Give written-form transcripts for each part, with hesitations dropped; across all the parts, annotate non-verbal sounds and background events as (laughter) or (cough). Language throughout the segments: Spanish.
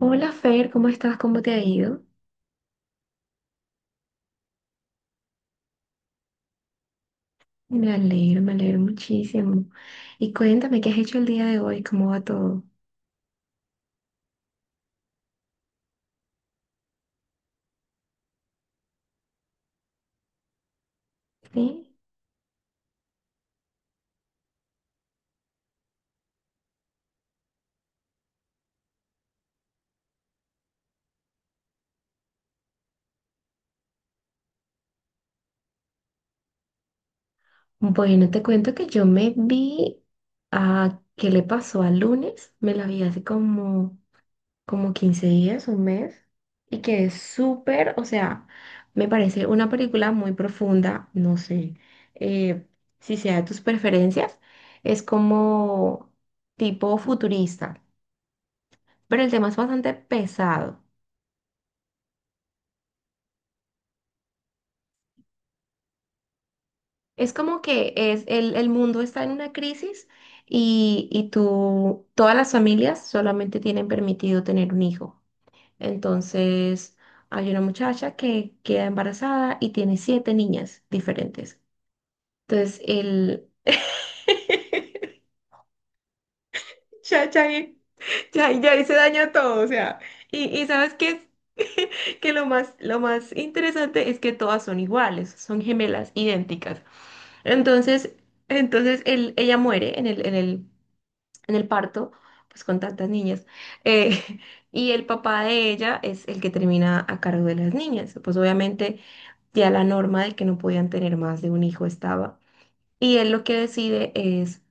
Hola Fer, ¿cómo estás? ¿Cómo te ha ido? Me alegro muchísimo. Y cuéntame, ¿qué has hecho el día de hoy? ¿Cómo va todo? ¿Sí? Bueno, te cuento que yo me vi a qué le pasó al lunes. Me la vi hace como, como 15 días, un mes. Y que es súper, o sea, me parece una película muy profunda. No sé eh, si sea de tus preferencias. Es como tipo futurista. Pero el tema es bastante pesado. Es como que es el mundo está en una crisis y tú, todas las familias solamente tienen permitido tener un hijo. Entonces, hay una muchacha que queda embarazada y tiene siete niñas diferentes. Entonces, el... (laughs) Ya, ya, ya, ya hice daño a todo, o sea, y ¿sabes qué? (laughs) Que lo más interesante es que todas son iguales, son gemelas, idénticas. Entonces, entonces ella muere en en el parto, pues con tantas niñas. eh, (laughs) y el papá de ella es el que termina a cargo de las niñas. Pues obviamente ya la norma de que no podían tener más de un hijo estaba. Y él lo que decide es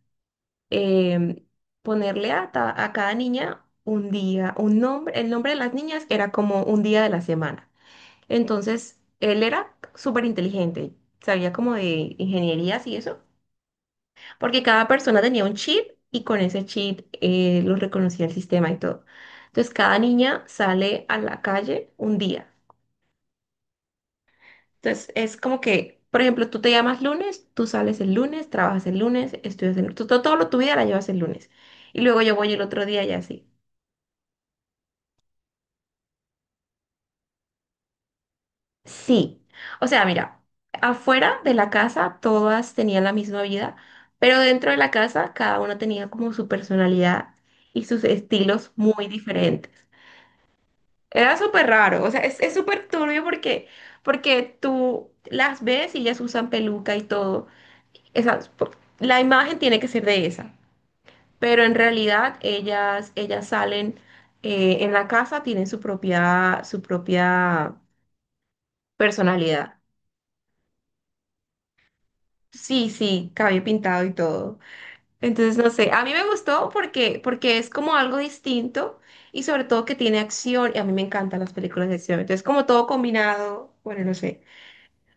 em, ponerle a cada niña un día, un nombre, el nombre de las niñas era como un día de la semana. Entonces, él era súper inteligente, sabía como de ingenierías y eso, porque cada persona tenía un chip y con ese chip lo reconocía el sistema y todo. Entonces, cada niña sale a la calle un día. Entonces, es como que, por ejemplo, tú te llamas lunes, tú sales el lunes, trabajas el lunes, estudias el lunes, todo, todo tu vida la llevas el lunes. Y luego yo voy el otro día y así. Sí, o sea, mira, afuera de la casa todas tenían la misma vida, pero dentro de la casa cada una tenía como su personalidad y sus estilos muy diferentes. Era súper raro, o sea, es súper turbio porque, porque tú las ves y ellas usan peluca y todo. Esas, po- la imagen tiene que ser de esa, pero en realidad ellas salen en la casa, tienen su propia personalidad. Sí, sí, cabello pintado y todo. Entonces, no sé, a mí me gustó porque, porque es como algo distinto y sobre todo que tiene acción y a mí me encantan las películas de acción. Entonces, como todo combinado, bueno, no sé.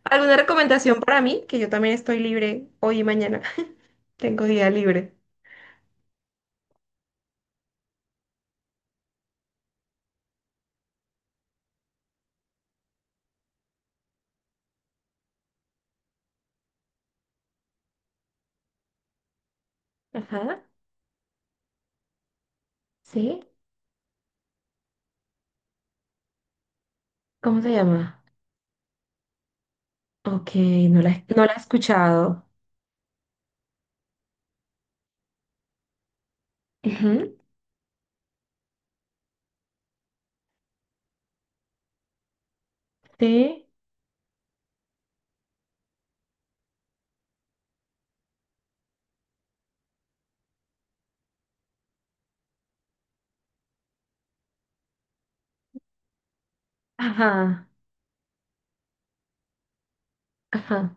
¿Alguna recomendación para mí? Que yo también estoy libre hoy y mañana. (laughs) Tengo día libre. Ajá, sí. ¿Cómo se llama? Ok, no la, no la he escuchado. Ujú. Sí. Ajá, ajá.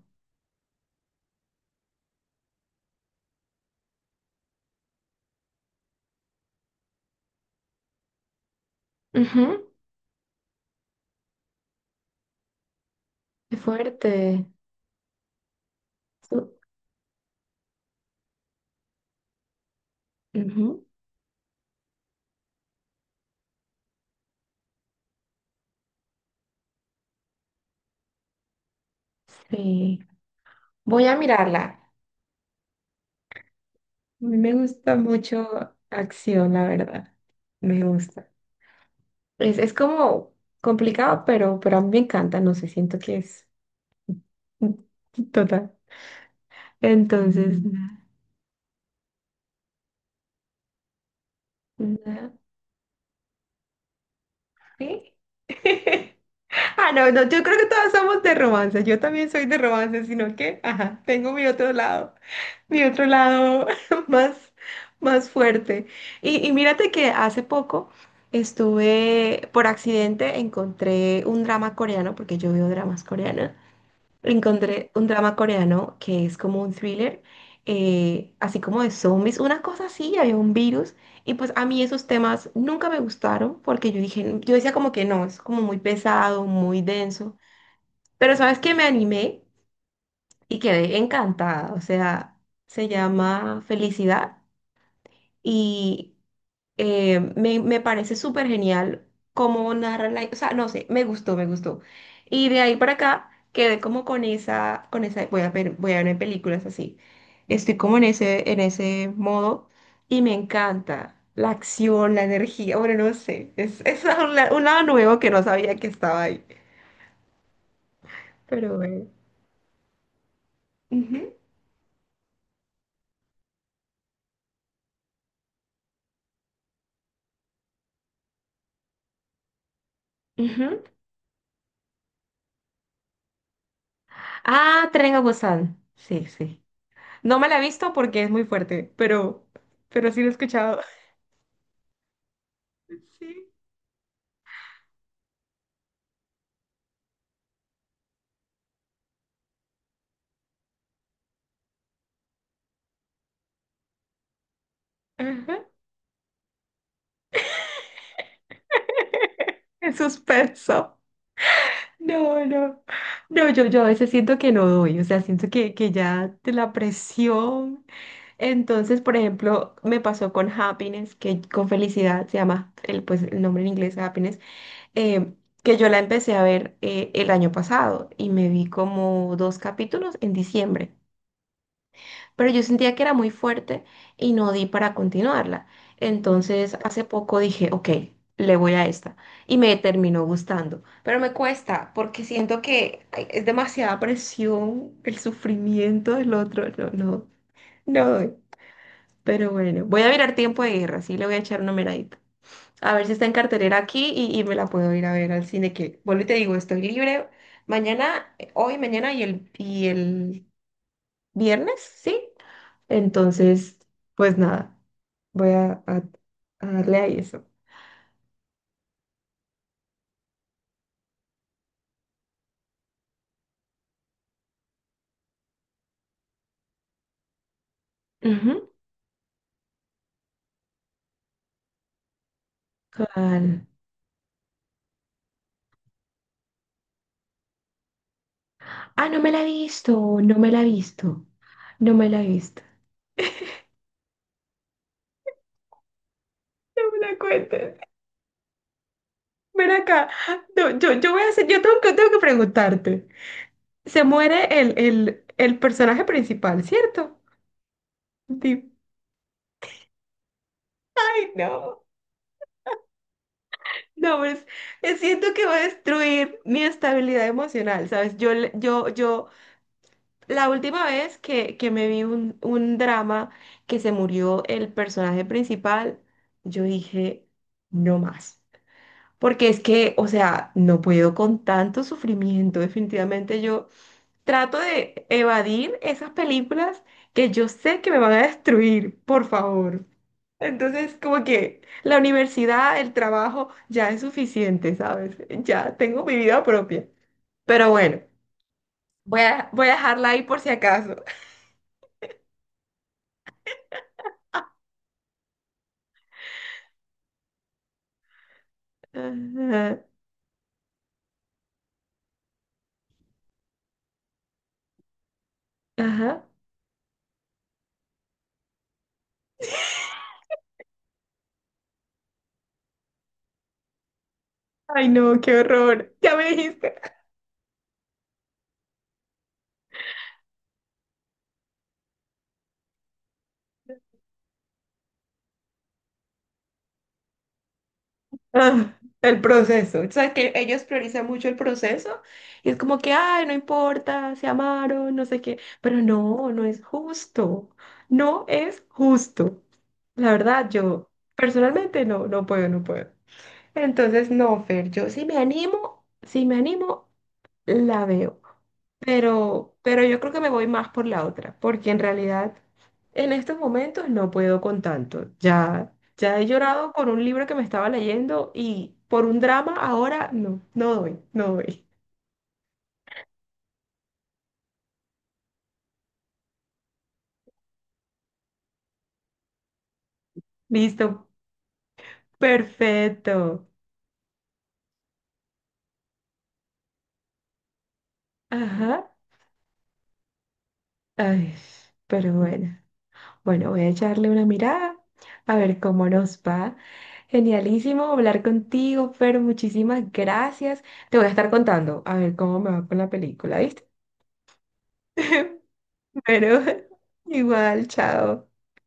Ujú. Qué fuerte. Su- ujú. Sí. Voy a mirarla. A mí me gusta mucho acción, la verdad. Me gusta. Es como complicado, pero a mí me encanta. No sé, siento que es (laughs) total. Entonces, na- na- ¿sí? (laughs) Ah, no, no, yo creo que todas somos de romance. Yo también soy de romance, sino que, ajá, tengo mi otro lado. Mi otro lado (laughs) más, más fuerte. Y mírate que hace poco estuve, por accidente, encontré un drama coreano, porque yo veo dramas coreanos. Encontré un drama coreano que es como un thriller, así como de zombies, una cosa así, había un virus. Y pues a mí esos temas nunca me gustaron, porque yo dije, yo decía como que no, es como muy pesado, muy denso. Pero ¿sabes que me animé y quedé encantada? O sea, se llama Felicidad y me parece súper genial cómo narran la... O sea, no sé, me gustó, me gustó. Y de ahí para acá quedé como con voy a ver películas así. Estoy como en en ese modo y me encanta. La acción, la energía, bueno, no sé, es, (laughs) es un, la- un lado nuevo que no sabía que estaba ahí, pero bueno. Ujú, ujú. Ah, Tren a Busan, sí, sí. No me la he visto porque es muy fuerte, pero sí lo he escuchado. (laughs) Sí. Ajá. El suspenso. No, no. No, yo a veces siento que no doy, o sea, siento que ya de la presión. Entonces, por ejemplo, me pasó con Happiness, que con felicidad se llama el, pues, el nombre en inglés, Happiness, eh, que yo la empecé a ver el año pasado y me vi como 2 capítulos en diciembre. Pero yo sentía que era muy fuerte y no di para continuarla. Entonces, hace poco dije, ok, le voy a esta y me terminó gustando, pero me cuesta porque siento que ay, es demasiada presión el sufrimiento del otro. No, no, no doy. Pero bueno, voy a mirar Tiempo de Guerra, sí, le voy a echar una miradita. A ver si está en cartelera aquí y me la puedo ir a ver al cine, que vuelvo y te digo, estoy libre mañana, hoy, mañana y el viernes, ¿sí? Entonces, pues nada, voy a darle ahí eso. Ujú. ¿Cuál? Ah, no me la he visto, no me la he visto, no me la he visto. No me la cuentes. Ven acá. No, yo voy a hacer, yo tengo que preguntarte. Se muere el personaje principal, ¿cierto? Di- Ay, no. No, pues siento que va a destruir mi estabilidad emocional, ¿sabes? Yo, le- yo, yo. La última vez que me vi un drama que se murió el personaje principal, yo dije, no más. Porque es que, o sea, no puedo con tanto sufrimiento. Definitivamente yo trato de evadir esas películas que yo sé que me van a destruir, por favor. Entonces, como que la universidad, el trabajo, ya es suficiente, ¿sabes? Ya tengo mi vida propia. Pero bueno, voy a, voy a dejarla ahí por si acaso. (laughs) Ajá. Ajá. Ay, no, qué horror. Ya me dijiste. Ah, el proceso. O sea, que ellos priorizan mucho el proceso y es como que, ay, no importa, se amaron, no sé qué. Pero no, no es justo. No es justo. La verdad, yo personalmente no, no puedo, no puedo. Entonces, no, Fer, yo sí me animo, si me animo, la veo. Pero yo creo que me voy más por la otra, porque en realidad en estos momentos no puedo con tanto. Ya, ya he llorado con un libro que me estaba leyendo y por un drama ahora no, no doy, no doy. (laughs) Listo, perfecto. Ajá, ay, pero bueno. Bueno, voy a echarle una mirada a ver cómo nos va. Genialísimo hablar contigo, Fer, muchísimas gracias. Te voy a estar contando a ver cómo me va con la película, ¿viste? Pero (laughs) igual, chao.